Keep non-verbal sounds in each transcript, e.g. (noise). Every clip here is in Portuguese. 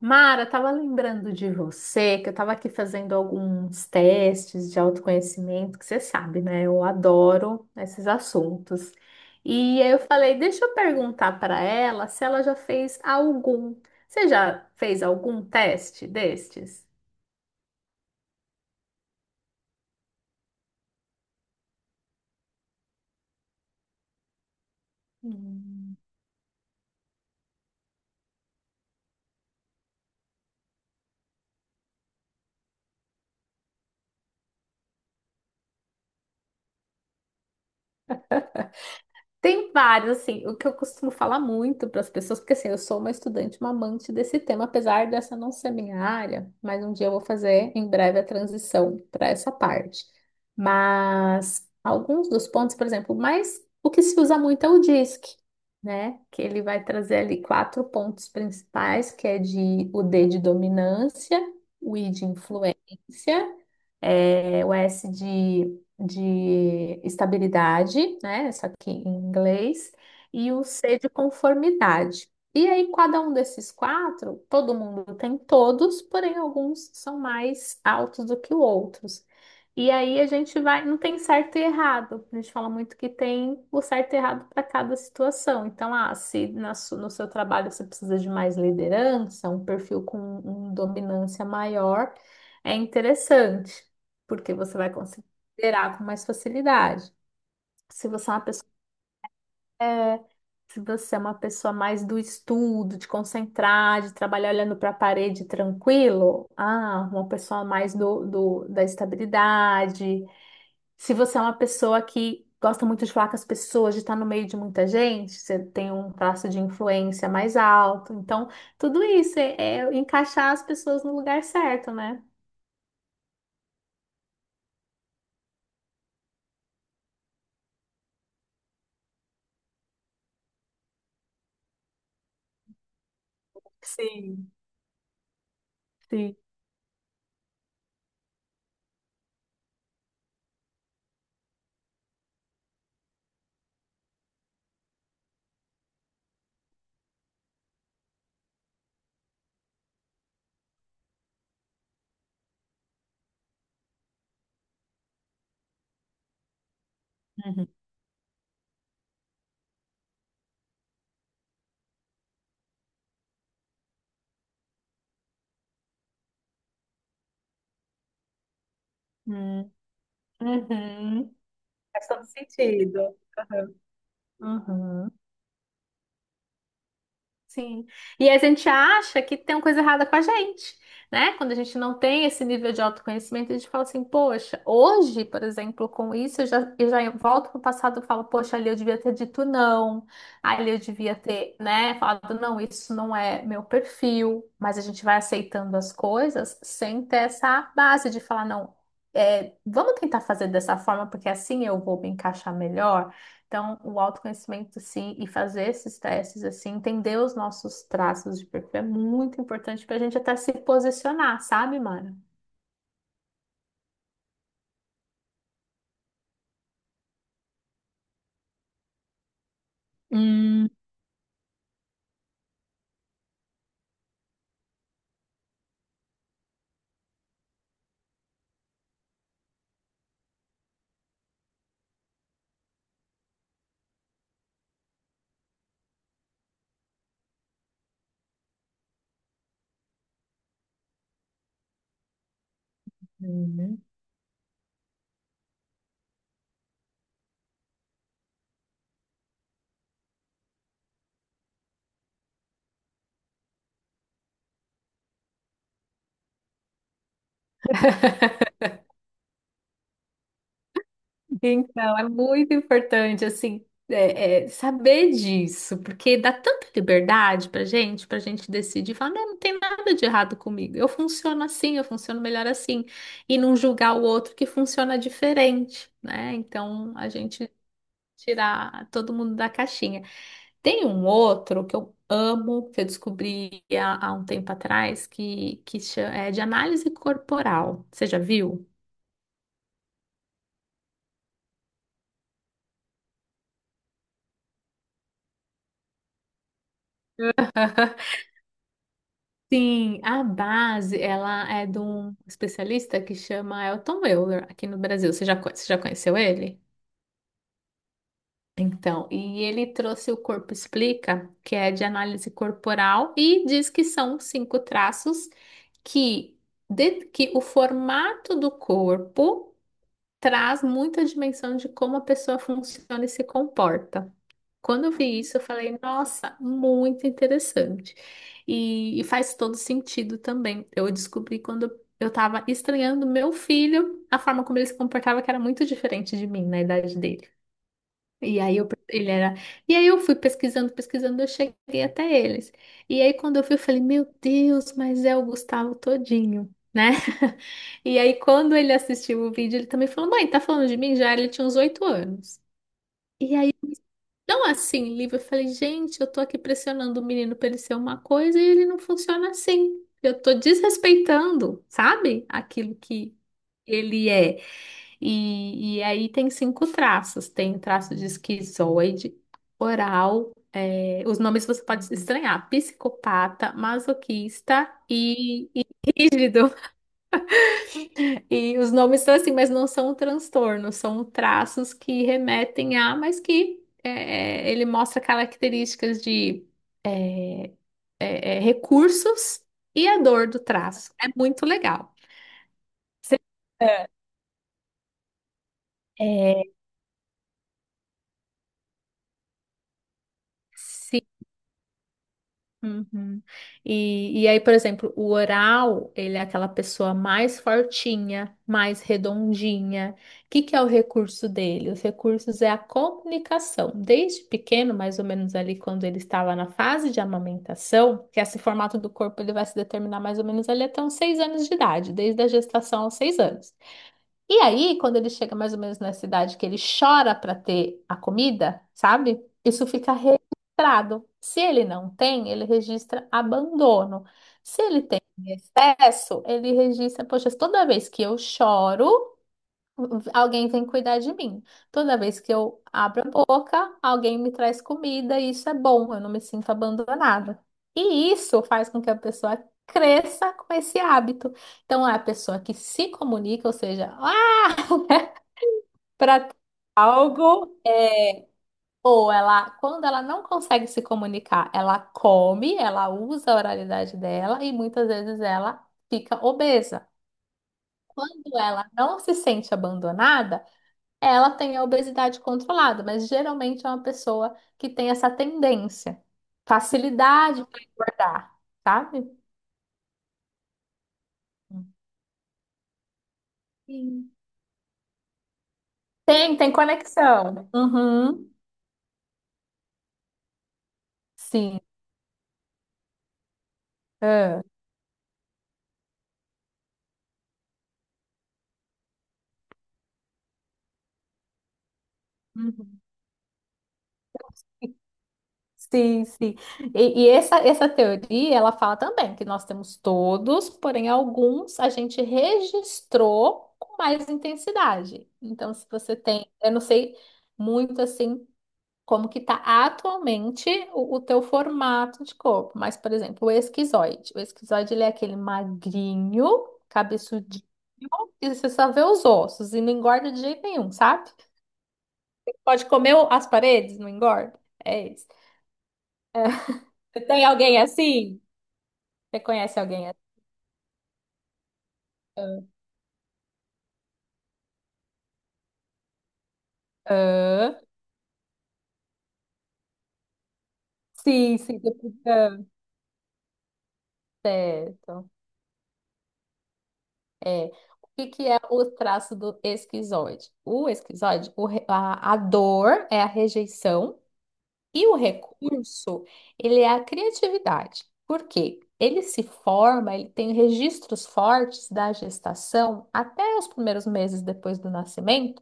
Mara, estava lembrando de você, que eu estava aqui fazendo alguns testes de autoconhecimento, que você sabe, né? Eu adoro esses assuntos. E aí eu falei, deixa eu perguntar para ela se ela já fez algum. Você já fez algum teste destes? Hum. Tem vários, assim, o que eu costumo falar muito para as pessoas, porque assim, eu sou uma estudante, uma amante desse tema, apesar dessa não ser minha área, mas um dia eu vou fazer em breve a transição para essa parte. Mas alguns dos pontos, por exemplo, mas o que se usa muito é o DISC, né? Que ele vai trazer ali quatro pontos principais, que é de o D de dominância, o I de influência, o S de estabilidade, né? Isso aqui em inglês, e o C de conformidade. E aí, cada um desses quatro, todo mundo tem todos, porém alguns são mais altos do que outros. E aí a gente vai, não tem certo e errado. A gente fala muito que tem o certo e errado para cada situação. Então, ah, se no seu trabalho você precisa de mais liderança, um perfil com um, dominância maior, é interessante, porque você vai conseguir liderar com mais facilidade. Se você é uma pessoa, Se você é uma pessoa mais do estudo, de concentrar, de trabalhar olhando para a parede tranquilo, ah, uma pessoa mais da estabilidade. Se você é uma pessoa que gosta muito de falar com as pessoas, de estar no meio de muita gente, você tem um traço de influência mais alto. Então, tudo isso é encaixar as pessoas no lugar certo, né? Sim, sim. Uhum. Uhum. Uhum. Faz todo sentido. Uhum, sim. E a gente acha que tem uma coisa errada com a gente, né? Quando a gente não tem esse nível de autoconhecimento, a gente fala assim, poxa, hoje, por exemplo, com isso, eu já volto pro passado e falo, poxa, ali eu devia ter dito não, ali eu devia ter, né, falado, não, isso não é meu perfil, mas a gente vai aceitando as coisas sem ter essa base de falar, não, é, vamos tentar fazer dessa forma, porque assim eu vou me encaixar melhor. Então, o autoconhecimento, sim, e fazer esses testes, assim, entender os nossos traços de perfil é muito importante para a gente até se posicionar, sabe, Mara? Uhum. Então, é muito importante, assim, saber disso, porque dá tanta liberdade pra gente decidir, falar, não, não tem nada de errado comigo, eu funciono assim, eu funciono melhor assim, e não julgar o outro que funciona diferente, né? Então, a gente tirar todo mundo da caixinha. Tem um outro que eu amo, que eu descobri há um tempo atrás, que é de análise corporal. Você já viu? (laughs) Sim, a base, ela é de um especialista que chama Elton Euler, aqui no Brasil. Você já conheceu ele? Então, e ele trouxe o Corpo Explica, que é de análise corporal, e diz que são cinco traços que que o formato do corpo traz muita dimensão de como a pessoa funciona e se comporta. Quando eu vi isso, eu falei, nossa, muito interessante. E faz todo sentido também. Eu descobri quando eu estava estranhando meu filho, a forma como ele se comportava, que era muito diferente de mim na idade dele. E aí eu, pe- ele era, e aí eu fui pesquisando, pesquisando, eu cheguei até eles. E aí quando eu vi, eu falei, meu Deus, mas é o Gustavo todinho, né? (laughs) E aí quando ele assistiu o vídeo, ele também falou, mãe, tá falando de mim já? Ele tinha uns oito anos. E não assim, livre. Eu falei, gente, eu tô aqui pressionando o menino pra ele ser uma coisa e ele não funciona assim. Eu tô desrespeitando, sabe? Aquilo que ele é. E aí tem cinco traços. Tem traço de esquizoide, oral, é, os nomes você pode estranhar, psicopata, masoquista e rígido. E os nomes são assim, mas não são transtornos, são traços que remetem a, mas que ele mostra características de recursos e a dor do traço. É muito legal. É. É, se. Uhum. E aí, por exemplo, o oral, ele é aquela pessoa mais fortinha, mais redondinha. O que que é o recurso dele? Os recursos é a comunicação. Desde pequeno, mais ou menos ali quando ele estava na fase de amamentação, que esse formato do corpo ele vai se determinar mais ou menos ali até uns seis anos de idade, desde a gestação aos seis anos. E aí, quando ele chega mais ou menos na cidade que ele chora para ter a comida, sabe? Isso fica registrado. Se ele não tem, ele registra abandono. Se ele tem em excesso, ele registra, poxa, toda vez que eu choro, alguém vem cuidar de mim. Toda vez que eu abro a boca, alguém me traz comida e isso é bom, eu não me sinto abandonada. E isso faz com que a pessoa cresça com esse hábito. Então, é a pessoa que se comunica, ou seja, para algo é ou ela quando ela não consegue se comunicar, ela come, ela usa a oralidade dela e muitas vezes ela fica obesa. Quando ela não se sente abandonada, ela tem a obesidade controlada, mas geralmente é uma pessoa que tem essa tendência, facilidade para engordar, sabe? Sim. Tem, tem conexão. Uhum. Sim. Ah. Uhum. Sim, sim. Essa teoria, ela fala também que nós temos todos, porém alguns a gente registrou com mais intensidade. Então, se você tem, eu não sei muito assim como que está atualmente o teu formato de corpo, mas, por exemplo, o esquizoide. O esquizoide, ele é aquele magrinho, cabeçudinho, que você só vê os ossos e não engorda de jeito nenhum, sabe? Pode comer as paredes, não engorda. É isso. Você tem alguém assim? Você conhece alguém assim? Ah, ah. Sim, sim. Ah. Certo. É. O que que é o traço do esquizoide? O esquizoide, a dor é a rejeição e o recurso, ele é a criatividade. Por quê? Ele se forma, ele tem registros fortes da gestação até os primeiros meses depois do nascimento.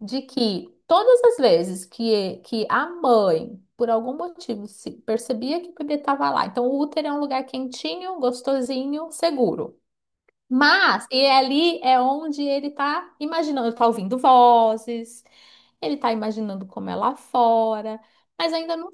De que todas as vezes que a mãe, por algum motivo, se percebia que o bebê estava lá, então o útero é um lugar quentinho, gostosinho, seguro. Mas, e ali é onde ele tá imaginando, tá ouvindo vozes, ele tá imaginando como é lá fora, mas ainda não.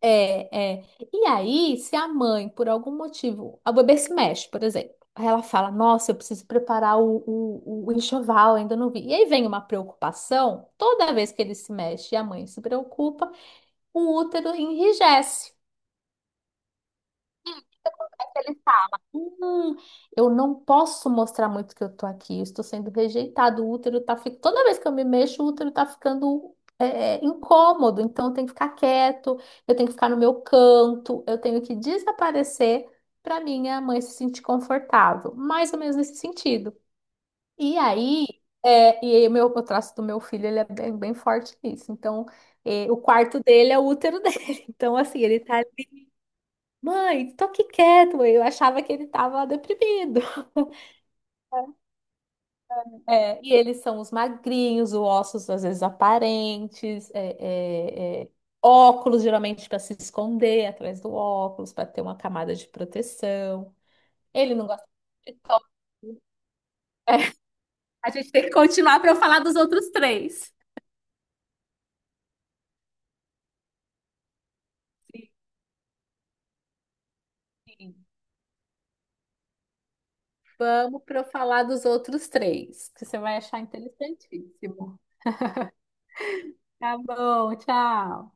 É, é. E aí, se a mãe, por algum motivo, a bebê se mexe, por exemplo, aí ela fala: nossa, eu preciso preparar o enxoval, ainda não vi. E aí vem uma preocupação, toda vez que ele se mexe e a mãe se preocupa, o útero enrijece. Hum, eu não posso mostrar muito que eu tô aqui, eu estou sendo rejeitado, o útero tá ficando. Toda vez que eu me mexo, o útero tá ficando incômodo, então eu tenho que ficar quieto, eu tenho que ficar no meu canto, eu tenho que desaparecer para minha mãe se sentir confortável, mais ou menos nesse sentido. E aí, e aí o traço do meu filho, ele é bem, bem forte nisso. Então, o quarto dele é o útero dele. (laughs) Então, assim, ele tá. Mãe, tô aqui quieto, mãe. Eu achava que ele tava deprimido. (laughs) É, e eles são os magrinhos, os ossos às vezes aparentes, óculos geralmente para se esconder atrás do óculos, para ter uma camada de proteção. Ele não gosta de toque. A gente tem que continuar para eu falar dos outros três. Sim, sim. Vamos para eu falar dos outros três, que você vai achar interessantíssimo. Tá bom, tchau.